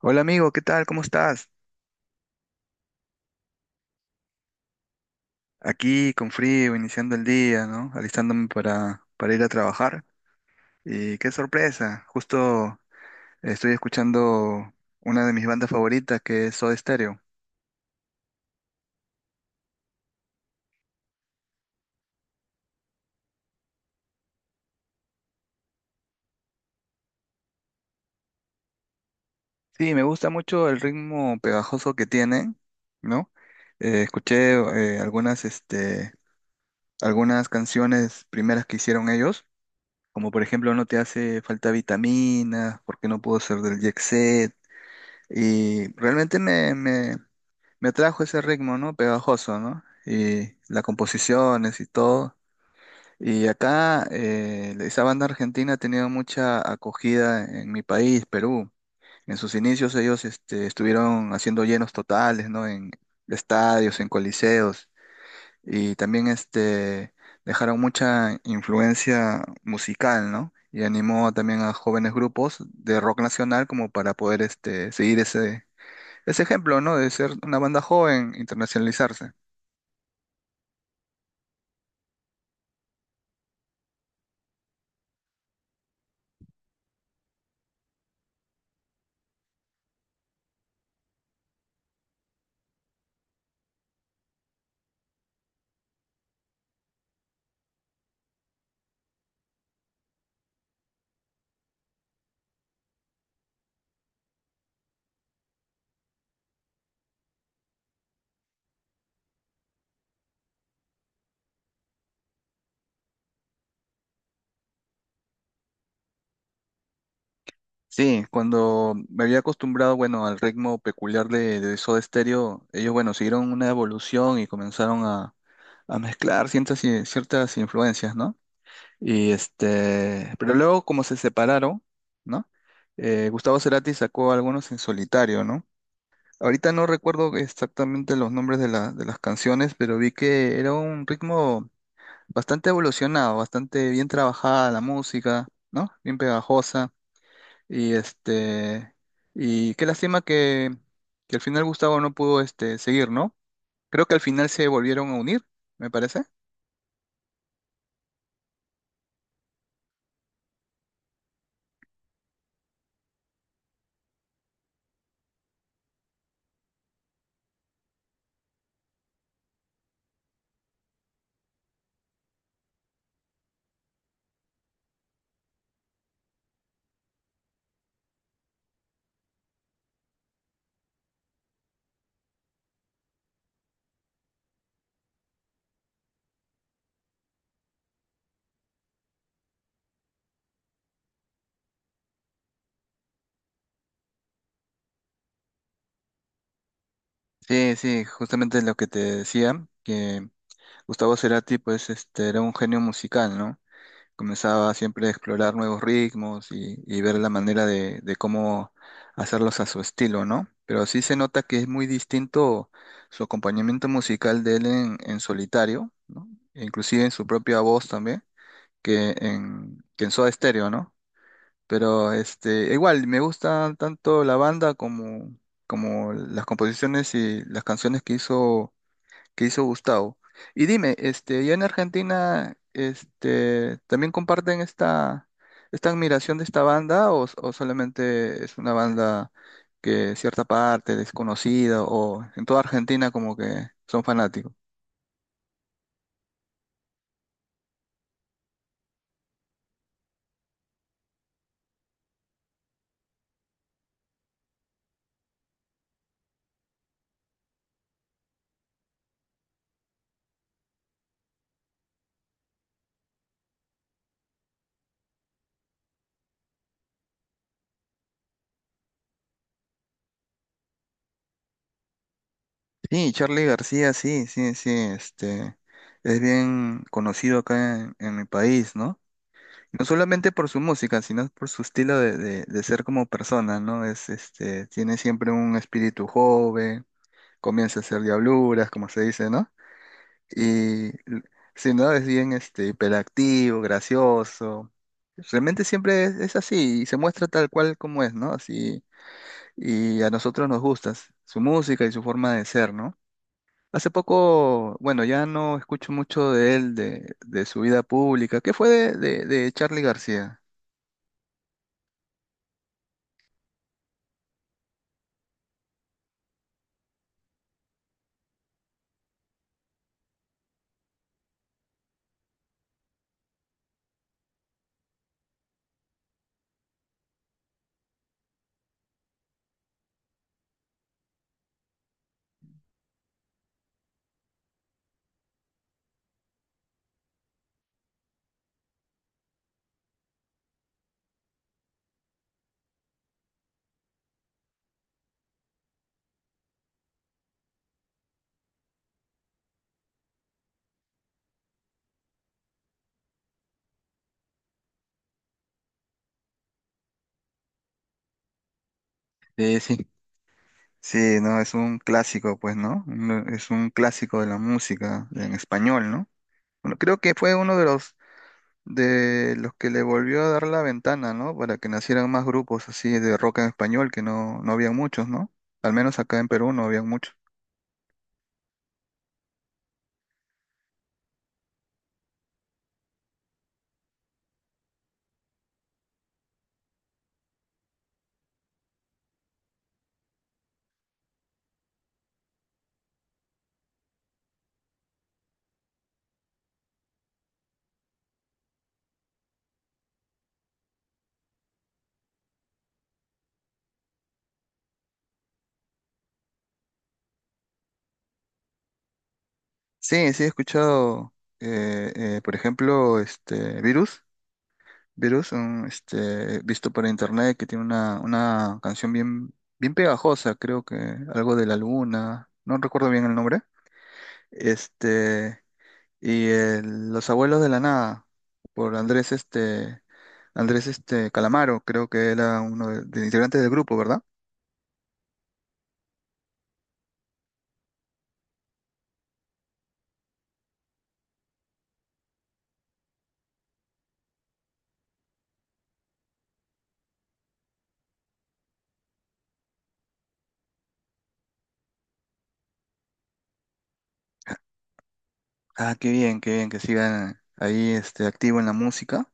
Hola amigo, ¿qué tal? ¿Cómo estás? Aquí con frío, iniciando el día, ¿no? Alistándome para ir a trabajar. Y qué sorpresa, justo estoy escuchando una de mis bandas favoritas que es Soda Stereo. Sí, me gusta mucho el ritmo pegajoso que tienen, ¿no? Escuché eh, algunas, este, algunas canciones primeras que hicieron ellos, como por ejemplo No te hace falta vitamina, ¿Por qué no puedo ser del Jet Set? Y realmente me trajo ese ritmo, ¿no? Pegajoso, ¿no? Y las composiciones y todo. Y acá esa banda argentina ha tenido mucha acogida en mi país, Perú. En sus inicios ellos estuvieron haciendo llenos totales, ¿no? En estadios, en coliseos. Y también dejaron mucha influencia musical, ¿no? Y animó también a jóvenes grupos de rock nacional como para poder seguir ese ejemplo, ¿no? De ser una banda joven, internacionalizarse. Sí, cuando me había acostumbrado, bueno, al ritmo peculiar de Soda Stereo, ellos, bueno, siguieron una evolución y comenzaron a mezclar ciertas influencias, ¿no? Pero luego como se separaron, ¿no? Gustavo Cerati sacó algunos en solitario, ¿no? Ahorita no recuerdo exactamente los nombres de las canciones, pero vi que era un ritmo bastante evolucionado, bastante bien trabajada la música, ¿no? Bien pegajosa. Y este, y qué lástima que al final Gustavo no pudo seguir, ¿no? Creo que al final se volvieron a unir, me parece. Sí, sí, justamente lo que te decía, que Gustavo Cerati, pues, era un genio musical, ¿no? Comenzaba siempre a explorar nuevos ritmos y ver la manera de cómo hacerlos a su estilo, ¿no? Pero sí se nota que es muy distinto su acompañamiento musical de él en solitario, ¿no? E inclusive en su propia voz también que en Soda Stereo, ¿no? Pero igual, me gusta tanto la banda como las composiciones y las canciones que hizo Gustavo. Y dime, ya en Argentina, ¿también comparten esta admiración de esta banda o solamente es una banda que cierta parte desconocida o en toda Argentina como que son fanáticos? Sí, Charlie García, sí, sí, sí, este, es bien conocido acá en mi país, ¿no? No solamente por su música, sino por su estilo de ser como persona, ¿no? Tiene siempre un espíritu joven, comienza a hacer diabluras, como se dice, ¿no? Y, l- sí, ¿no? Es bien, hiperactivo, gracioso. Realmente siempre es así y se muestra tal cual como es, ¿no? Así, y a nosotros nos gusta su música y su forma de ser, ¿no? Hace poco, bueno, ya no escucho mucho de él, de su vida pública. ¿Qué fue de Charly García? Sí, sí. Sí, no, es un clásico, pues, ¿no? Es un clásico de la música en español, ¿no? Bueno, creo que fue uno de los que le volvió a dar la ventana, ¿no? Para que nacieran más grupos así de rock en español, que no había muchos, ¿no? Al menos acá en Perú no había muchos. Sí, sí he escuchado, por ejemplo, este Virus. Virus, visto por internet, que tiene una canción bien, bien pegajosa, creo que algo de la luna, no recuerdo bien el nombre. Este, y el Los Abuelos de la Nada, por Andrés Calamaro, creo que era uno de los integrantes del grupo, ¿verdad? Ah, qué bien que sigan ahí, activo en la música.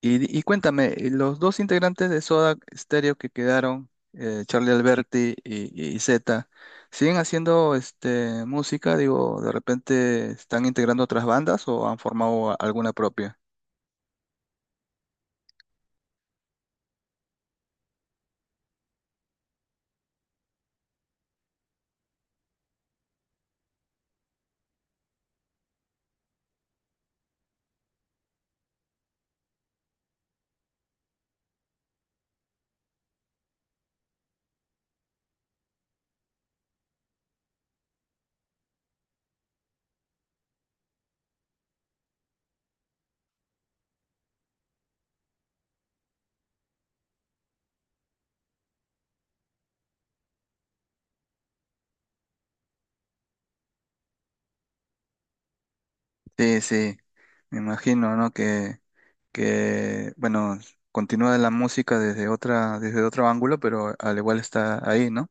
Y cuéntame, los dos integrantes de Soda Stereo que quedaron, Charlie Alberti y Zeta, ¿siguen haciendo música? Digo, ¿de repente están integrando otras bandas o han formado alguna propia? Sí, sí, me imagino, ¿no? Que bueno, continúa la música desde otro ángulo, pero al igual está ahí, ¿no?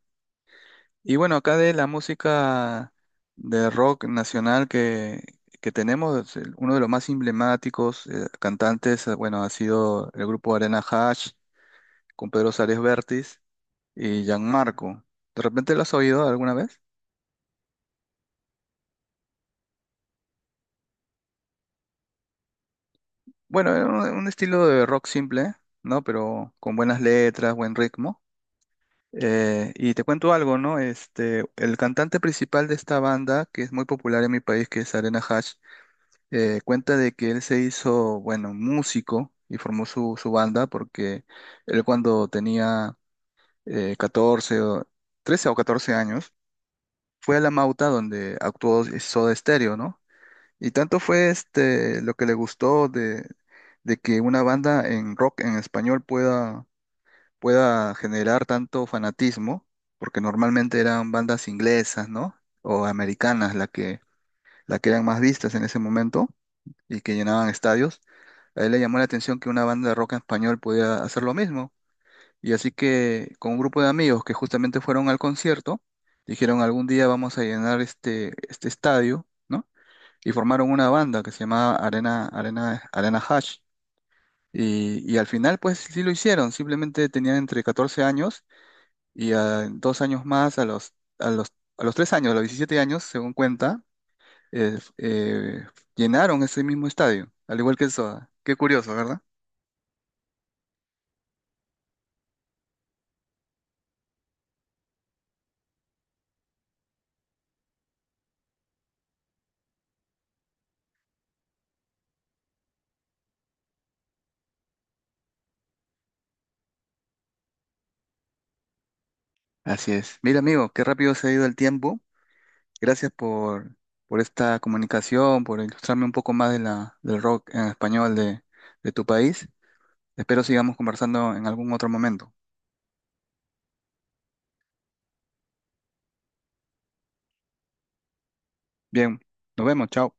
Y bueno, acá de la música de rock nacional que tenemos, uno de los más emblemáticos cantantes, bueno, ha sido el grupo Arena Hash con Pedro Suárez Vértiz y Gianmarco. ¿De repente lo has oído alguna vez? Bueno, era un estilo de rock simple, ¿no? Pero con buenas letras, buen ritmo. Y te cuento algo, ¿no? El cantante principal de esta banda, que es muy popular en mi país, que es Arena Hash, cuenta de que él se hizo, bueno, músico y formó su banda porque él cuando tenía eh, 14, o- 13 o 14 años, fue a La Mauta donde actuó Soda Stereo, ¿no? Y tanto fue lo que le gustó de que una banda en rock en español pueda generar tanto fanatismo, porque normalmente eran bandas inglesas, ¿no? O americanas la que eran más vistas en ese momento y que llenaban estadios. A él le llamó la atención que una banda de rock en español podía hacer lo mismo. Y así que con un grupo de amigos que justamente fueron al concierto, dijeron algún día vamos a llenar este estadio, ¿no? Y formaron una banda que se llamaba Arena Hash. Y al final, pues sí lo hicieron, simplemente tenían entre 14 años y a 2 años más, a los, a los 3 años, a los 17 años, según cuenta, eh, eh, llenaron ese mismo estadio, al igual que eso. Qué curioso, ¿verdad? Así es. Mira, amigo, qué rápido se ha ido el tiempo. Gracias por esta comunicación, por ilustrarme un poco más del rock en español de tu país. Espero sigamos conversando en algún otro momento. Bien, nos vemos, chao.